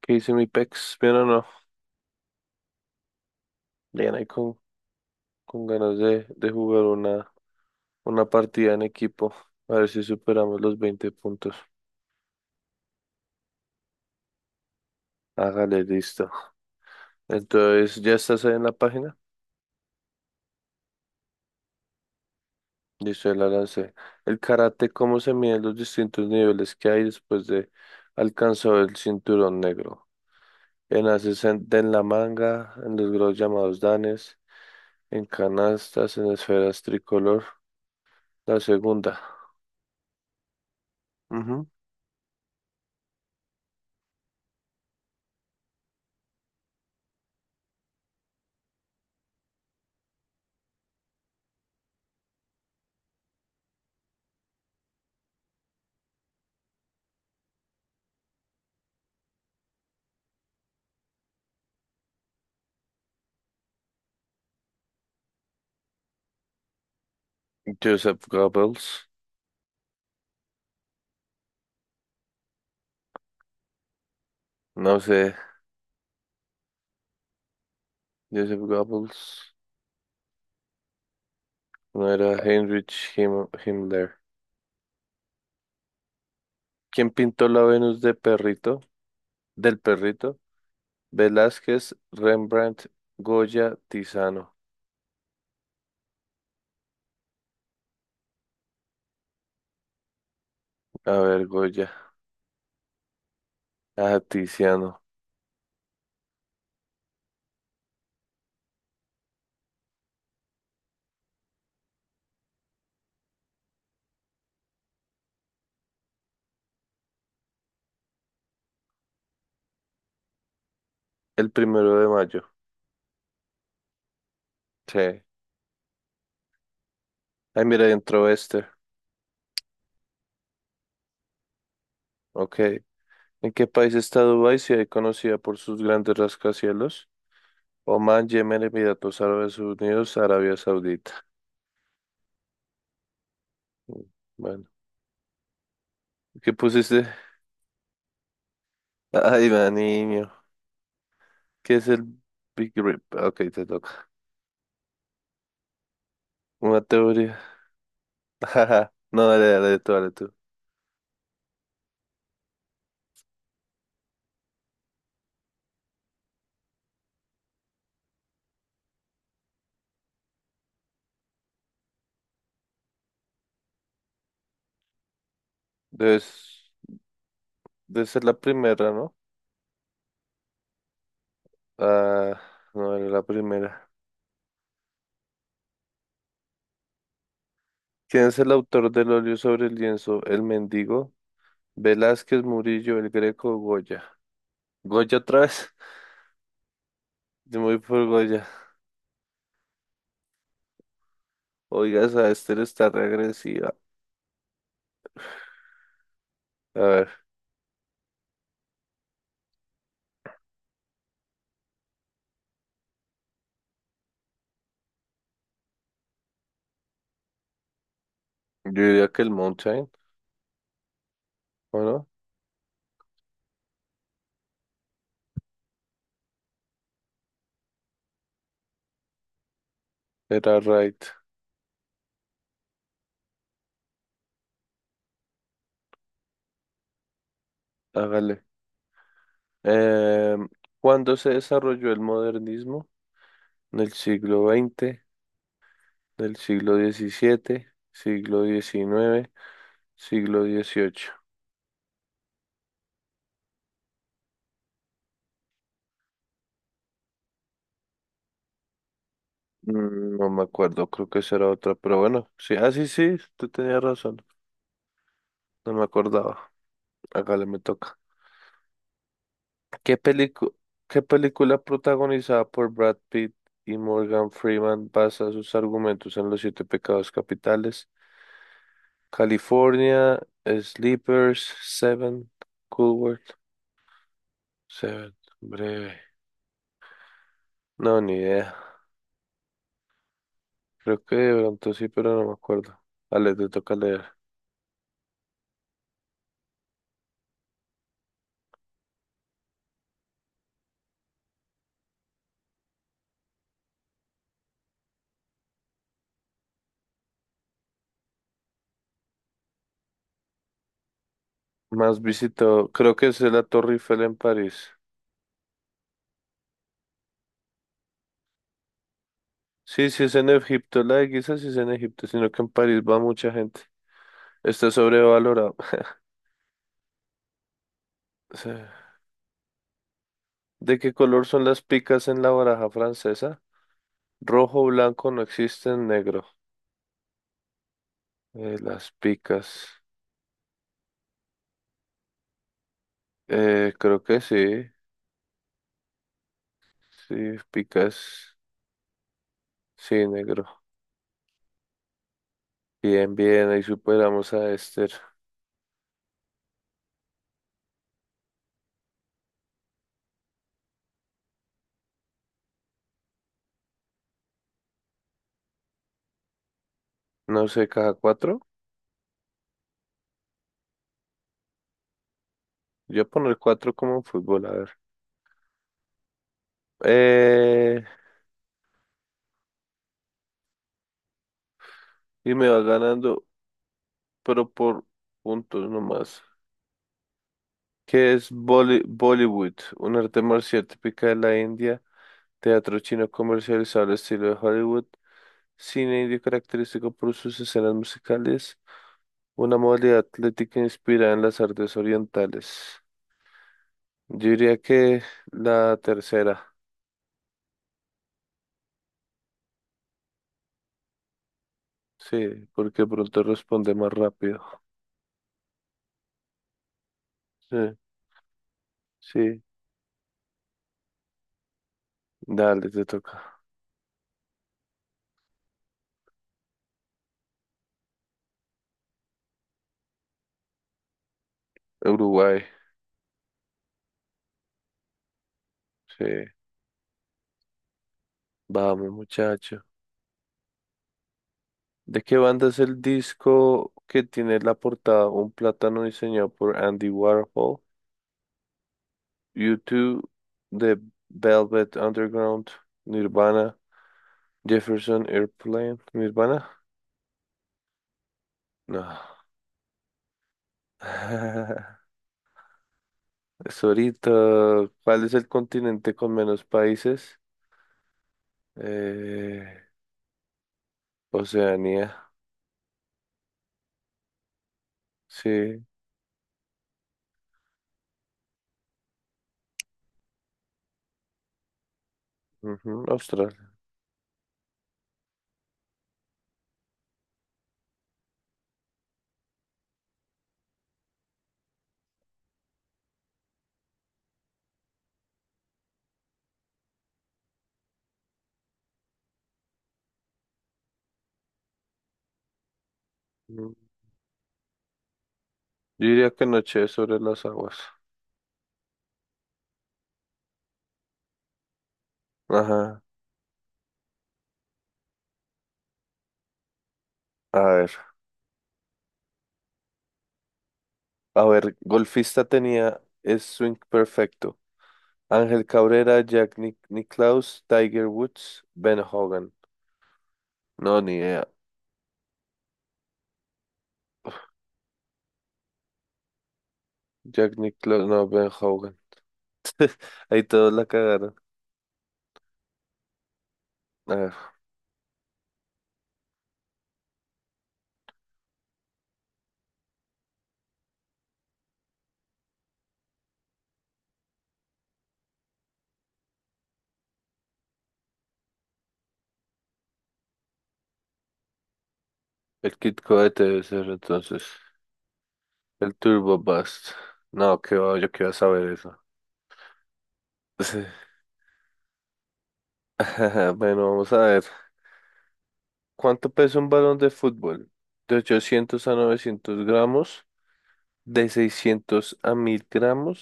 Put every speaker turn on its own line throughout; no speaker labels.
¿Qué dice mi pex? ¿Bien o no? Bien ahí con ganas de jugar una partida en equipo. A ver si superamos los 20 puntos. Hágale, listo. Entonces, ¿ya estás ahí en la página? Listo, ya la lancé. El karate, ¿cómo se miden los distintos niveles que hay después de alcanzar el cinturón negro? En haces en la manga, en los grados llamados danes, en canastas, en esferas tricolor. La segunda. Ujú. Joseph Goebbels. No sé. Joseph Goebbels, no era Heinrich Himmler. ¿Quién pintó la Venus de perrito? Del perrito. Velázquez, Rembrandt, Goya, Tiziano. A ver, Goya. Ah, Tiziano. El primero de mayo. Sí. Ay, mira, entró este. Ok. ¿En qué país está Dubái? Si es conocida por sus grandes rascacielos. Oman, Yemen, Emiratos Árabes Unidos, Arabia Saudita. Mm, Bueno, ¿qué pusiste? Ay, va, niño. ¿Qué es el Big Rip? Ah, Ok, te toca. Una teoría. No, dale, dale tú, dale tú. Debes, debe ser la primera, ¿no? Ah, no era la primera. ¿Quién es el autor del óleo sobre el lienzo? El mendigo. Velázquez, Murillo, el Greco, Goya. ¿Goya otra vez? Yo me voy por Goya. Oiga, esa Esther está regresiva. A ver, yo diría que el Mountain, ¿o no? Era right. Hágale. Eh, ¿cuándo se desarrolló el modernismo? Del siglo XX, del siglo XVII, siglo XIX, siglo XVIII. No me acuerdo, creo que esa era otra, pero bueno, sí, ah, sí, sí, tú tenías razón, no me acordaba, hágale, me toca. ¿Qué pelicu- qué película protagonizada por Brad Pitt y Morgan Freeman basa sus argumentos en los siete pecados capitales? California, Sleepers, Seven, Cool World, Seven, breve, no, ni idea. Creo que de pronto sí, pero no me acuerdo. Ale, te toca leer. Más visitado, creo que es la Torre Eiffel en París. Sí, sí es en Egipto, la de Giza sí es en Egipto, sino que en París va mucha gente. Está sobrevalorado. Sí. ¿De qué color son las picas en la baraja francesa? Rojo, blanco, no existen, negro. Las picas. Creo que sí. Sí, picas. Sí, negro. Bien, bien, ahí superamos a Esther. No sé, caja cuatro. Yo voy a poner cuatro como en fútbol, a ver. Eh, y me va ganando, pero por puntos nomás. ¿Qué es Bollywood? Un arte marcial típica de la India, teatro chino comercializado al estilo de Hollywood, cine indio característico por sus escenas musicales, una modalidad atlética inspirada en las artes orientales. Yo diría que la tercera, sí, porque pronto responde más rápido. Sí, sí, dale, te toca. Uruguay, sí. Vamos, muchacho. ¿De qué banda es el disco que tiene la portada Un plátano diseñado por Andy Warhol? YouTube 2 The Velvet Underground, Nirvana, Jefferson Airplane. ¿Nirvana? No. Es ahorita. ¿Cuál es el continente con menos países? Eh, Oceanía. Sí. Ujú, Australia. Mm. Yo diría que noche sobre las aguas. Ajá. A ver. A ver, golfista tenía es swing perfecto. Ángel Cabrera, Jack Nicklaus, Tiger Woods, Ben Hogan. No, ni idea. Jack Nicklaus, no, Ben Hogan. Ahí todos la cagaron. A ver, el Kid Cohete debe ser entonces. El Turbo Bust. No, que va, yo quiero saber eso. Sí. Bueno, vamos a ver. ¿Cuánto pesa un balón de fútbol? De 800 a 900 gramos, de 600 a 1000 gramos,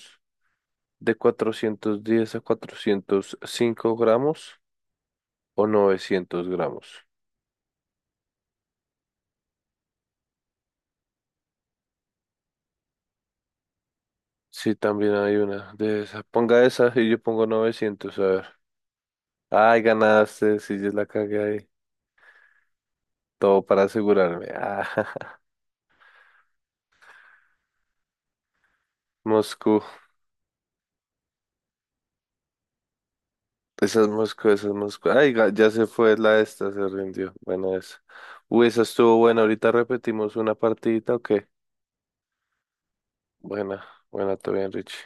de 410 a 405 gramos o 900 gramos. Sí, también hay una de esa. Ponga esa y yo pongo 900 a ver. Ay, ganaste, si yo la cagué ahí. Todo para asegurarme. Ah, Moscú. Esa es Moscú, esa es Moscú. Ay, ya se fue la esta, se rindió. Buena esa. Uy, esa estuvo buena. Ahorita repetimos una partidita, ¿o qué? Buena, buena, todo bien, Richie.